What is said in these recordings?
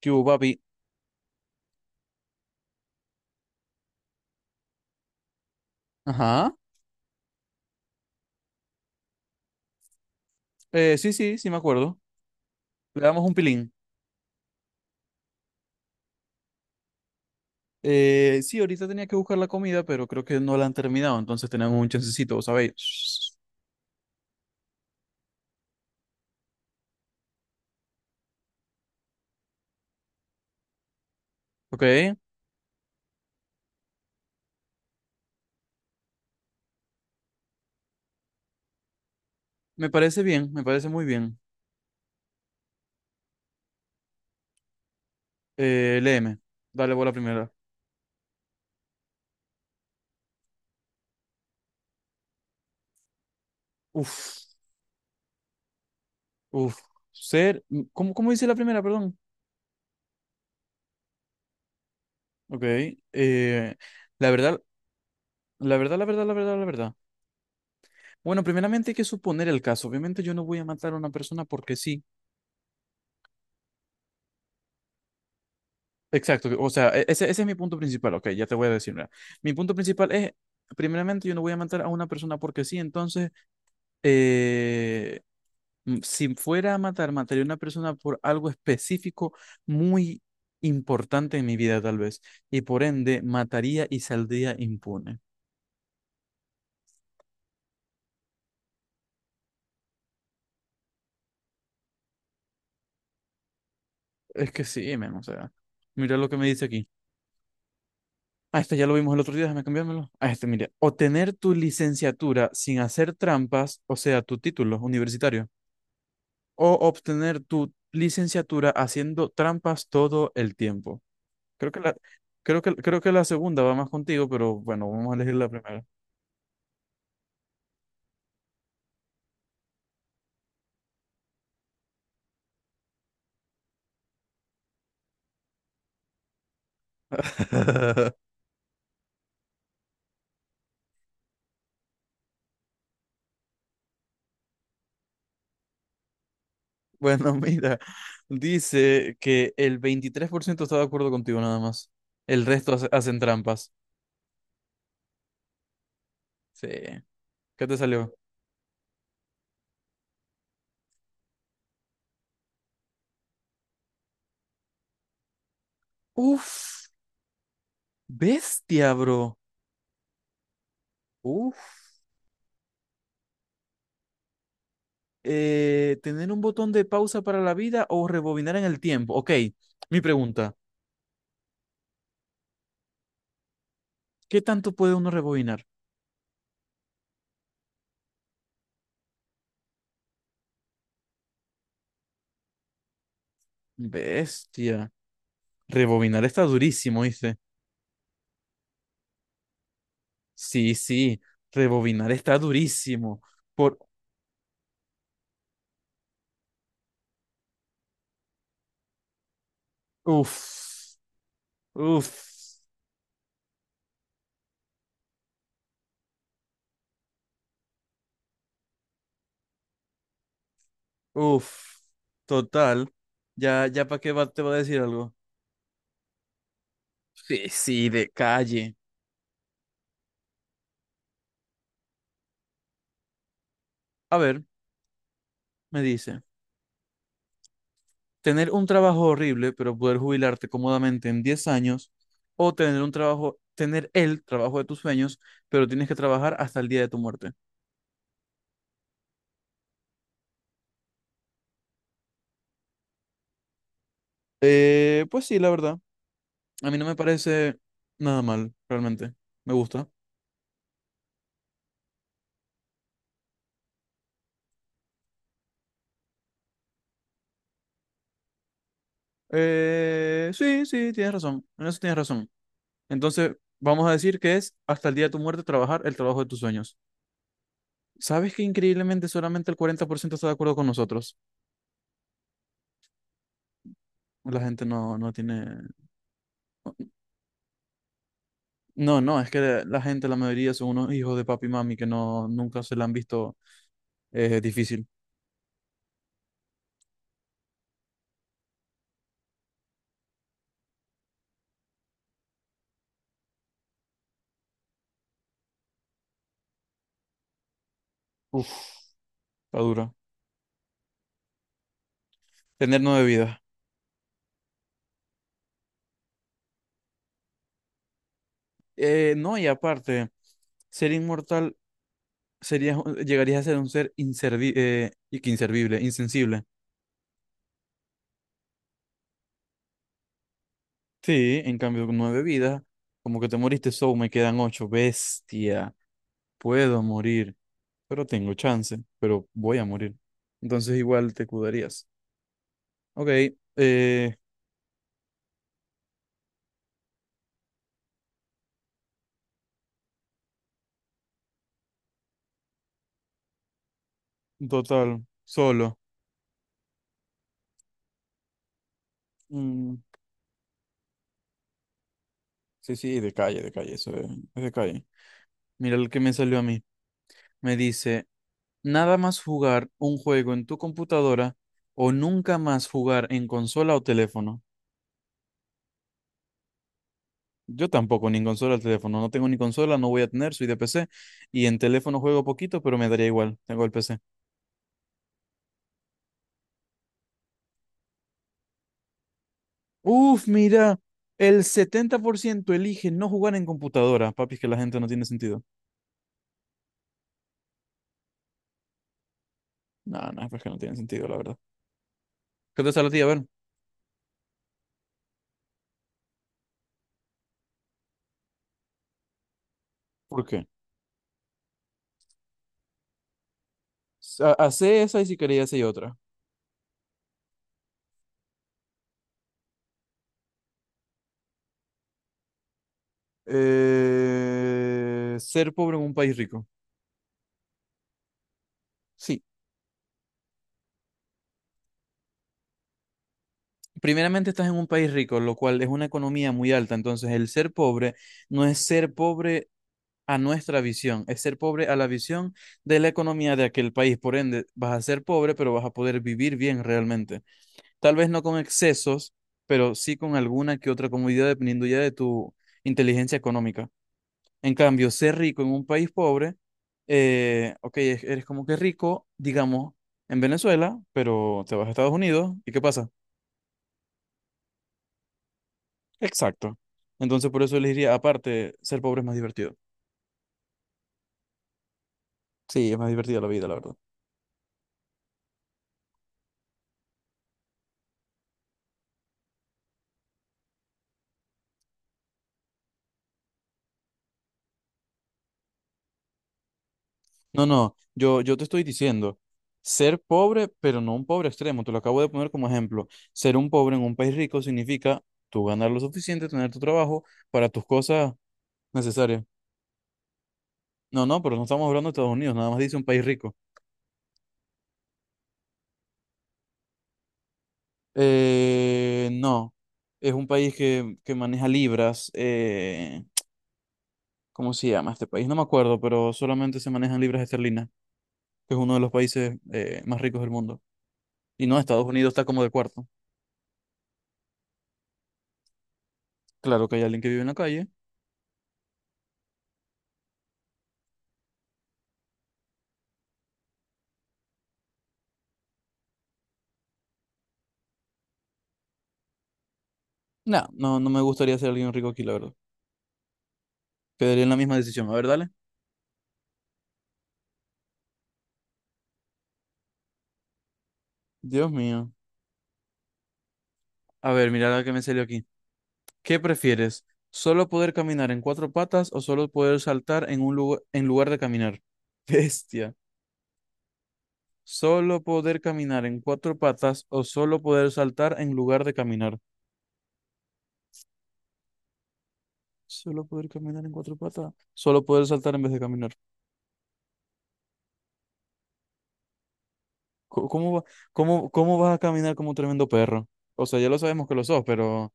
¿Qué hubo, papi? Ajá. Sí, sí, sí me acuerdo. Le damos un pilín. Sí, ahorita tenía que buscar la comida, pero creo que no la han terminado, entonces tenemos un chancecito, ¿sabéis? Ok. Me parece bien, me parece muy bien. Léeme. Dale vos la primera. Uf, uf. ¿Cómo dice la primera, perdón? Ok. eh, la verdad, la verdad, la verdad, la verdad, la verdad. Bueno, primeramente hay que suponer el caso. Obviamente yo no voy a matar a una persona porque sí. Exacto, o sea, ese es mi punto principal, ok, ya te voy a decir, mira. Mi punto principal es, primeramente, yo no voy a matar a una persona porque sí, entonces, eh, si fuera a matar, mataría a una persona por algo específico muy importante en mi vida, tal vez, y por ende, mataría y saldría impune. Es que sí, men, o sea, mira lo que me dice aquí. Ah, este ya lo vimos el otro día, déjame cambiármelo. Ah, este, mire, obtener tu licenciatura sin hacer trampas, o sea, tu título universitario o obtener tu licenciatura haciendo trampas todo el tiempo. Creo que la, creo que la segunda va más contigo, pero bueno, vamos a elegir la primera. Bueno, mira, dice que el 23% está de acuerdo contigo nada más. El resto hacen trampas. Sí. ¿Qué te salió? Uf, bestia, bro. Uf. ¿Tener un botón de pausa para la vida o rebobinar en el tiempo? Ok, mi pregunta, ¿qué tanto puede uno rebobinar? Bestia. Rebobinar está durísimo, dice. Sí, sí. Rebobinar está durísimo. Por. Uf. Uf. Uf. Total. Ya, ya para te va a decir algo. Sí, sí, de calle. A ver, me dice. Tener un trabajo horrible, pero poder jubilarte cómodamente en 10 años. O tener el trabajo de tus sueños, pero tienes que trabajar hasta el día de tu muerte. Pues sí, la verdad. A mí no me parece nada mal, realmente. Me gusta. Sí, sí, tienes razón. En eso tienes razón. Entonces, vamos a decir que es hasta el día de tu muerte trabajar el trabajo de tus sueños. ¿Sabes que increíblemente solamente el 40% está de acuerdo con nosotros? La gente no, no tiene... No, no, es que la gente, la mayoría son unos hijos de papi y mami que no, nunca se la han visto difícil. Uf, está dura. Tener nueve vidas. No, y aparte, ser inmortal serías, llegarías a ser un ser inservi y que inservible, insensible. Sí, en cambio, con nueve vidas, como que te moriste, so me quedan ocho. Bestia, puedo morir, pero tengo chance, pero voy a morir. Entonces, igual te cuidarías. Ok, eh, total, solo. Mm, sí, sí, de calle, eso es de calle. Mira el que me salió a mí. Me dice. Nada más jugar un juego en tu computadora o nunca más jugar en consola o teléfono. Yo tampoco, ni en consola el teléfono. No tengo ni consola, no voy a tener, soy de PC. Y en teléfono juego poquito, pero me daría igual. Tengo el PC. Uf, mira, el 70% elige no jugar en computadora. Papi, es que la gente no tiene sentido. No, no, es que no tiene sentido, la verdad. ¿Qué te sale a ti? A ver, ¿por qué? Hacé esa y si quería hacer otra. Ser pobre en un país rico. Sí. Primeramente estás en un país rico, lo cual es una economía muy alta. Entonces, el ser pobre no es ser pobre a nuestra visión, es ser pobre a la visión de la economía de aquel país. Por ende, vas a ser pobre, pero vas a poder vivir bien realmente. Tal vez no con excesos, pero sí con alguna que otra comodidad dependiendo ya de tu inteligencia económica. En cambio, ser rico en un país pobre, ok, eres como que rico, digamos, en Venezuela, pero te vas a Estados Unidos, ¿y qué pasa? Exacto. Entonces, por eso les diría, aparte, ser pobre es más divertido. Sí, es más divertida la vida, la verdad. No, no, yo te estoy diciendo, ser pobre, pero no un pobre extremo, te lo acabo de poner como ejemplo. Ser un pobre en un país rico significa tú ganar lo suficiente, tener tu trabajo para tus cosas necesarias. No, no, pero no estamos hablando de Estados Unidos, nada más dice un país rico. No, es un país que maneja libras, ¿cómo se llama este país? No me acuerdo, pero solamente se manejan libras esterlinas, que es uno de los países más ricos del mundo. Y no, Estados Unidos está como de cuarto. Claro que hay alguien que vive en la calle. No, no, no me gustaría ser alguien rico aquí, la verdad. Quedaría en la misma decisión. A ver, dale. Dios mío. A ver, mira la que me salió aquí. ¿Qué prefieres? ¿Solo poder caminar en cuatro patas o solo poder saltar en un lugar, en lugar de caminar? Bestia. ¿Solo poder caminar en cuatro patas o solo poder saltar en lugar de caminar? Solo poder caminar en cuatro patas. Solo poder saltar en vez de caminar. Co- ¿Cómo va- cómo vas a caminar como un tremendo perro? O sea, ya lo sabemos que lo sos, pero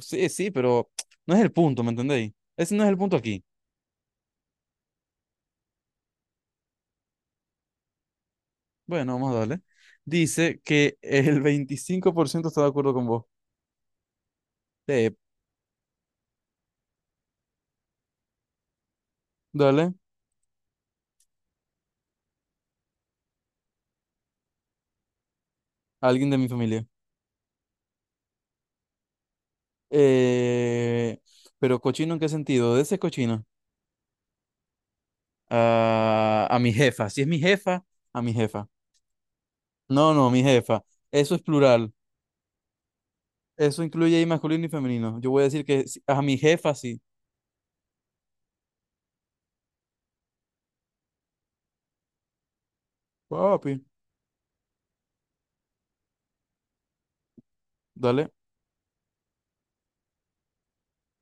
sí, sí, pero no es el punto, ¿me entendéis? Ese no es el punto aquí. Bueno, vamos a darle. Dice que el 25% está de acuerdo con vos. Eh, Dale, alguien de mi familia. Eh, pero cochino, ¿en qué sentido? De ese cochino. A mi jefa. Si es mi jefa, a mi jefa. No, no, mi jefa. Eso es plural. Eso incluye ahí masculino y femenino. Yo voy a decir que sí, a mi jefa sí. Papi, dale.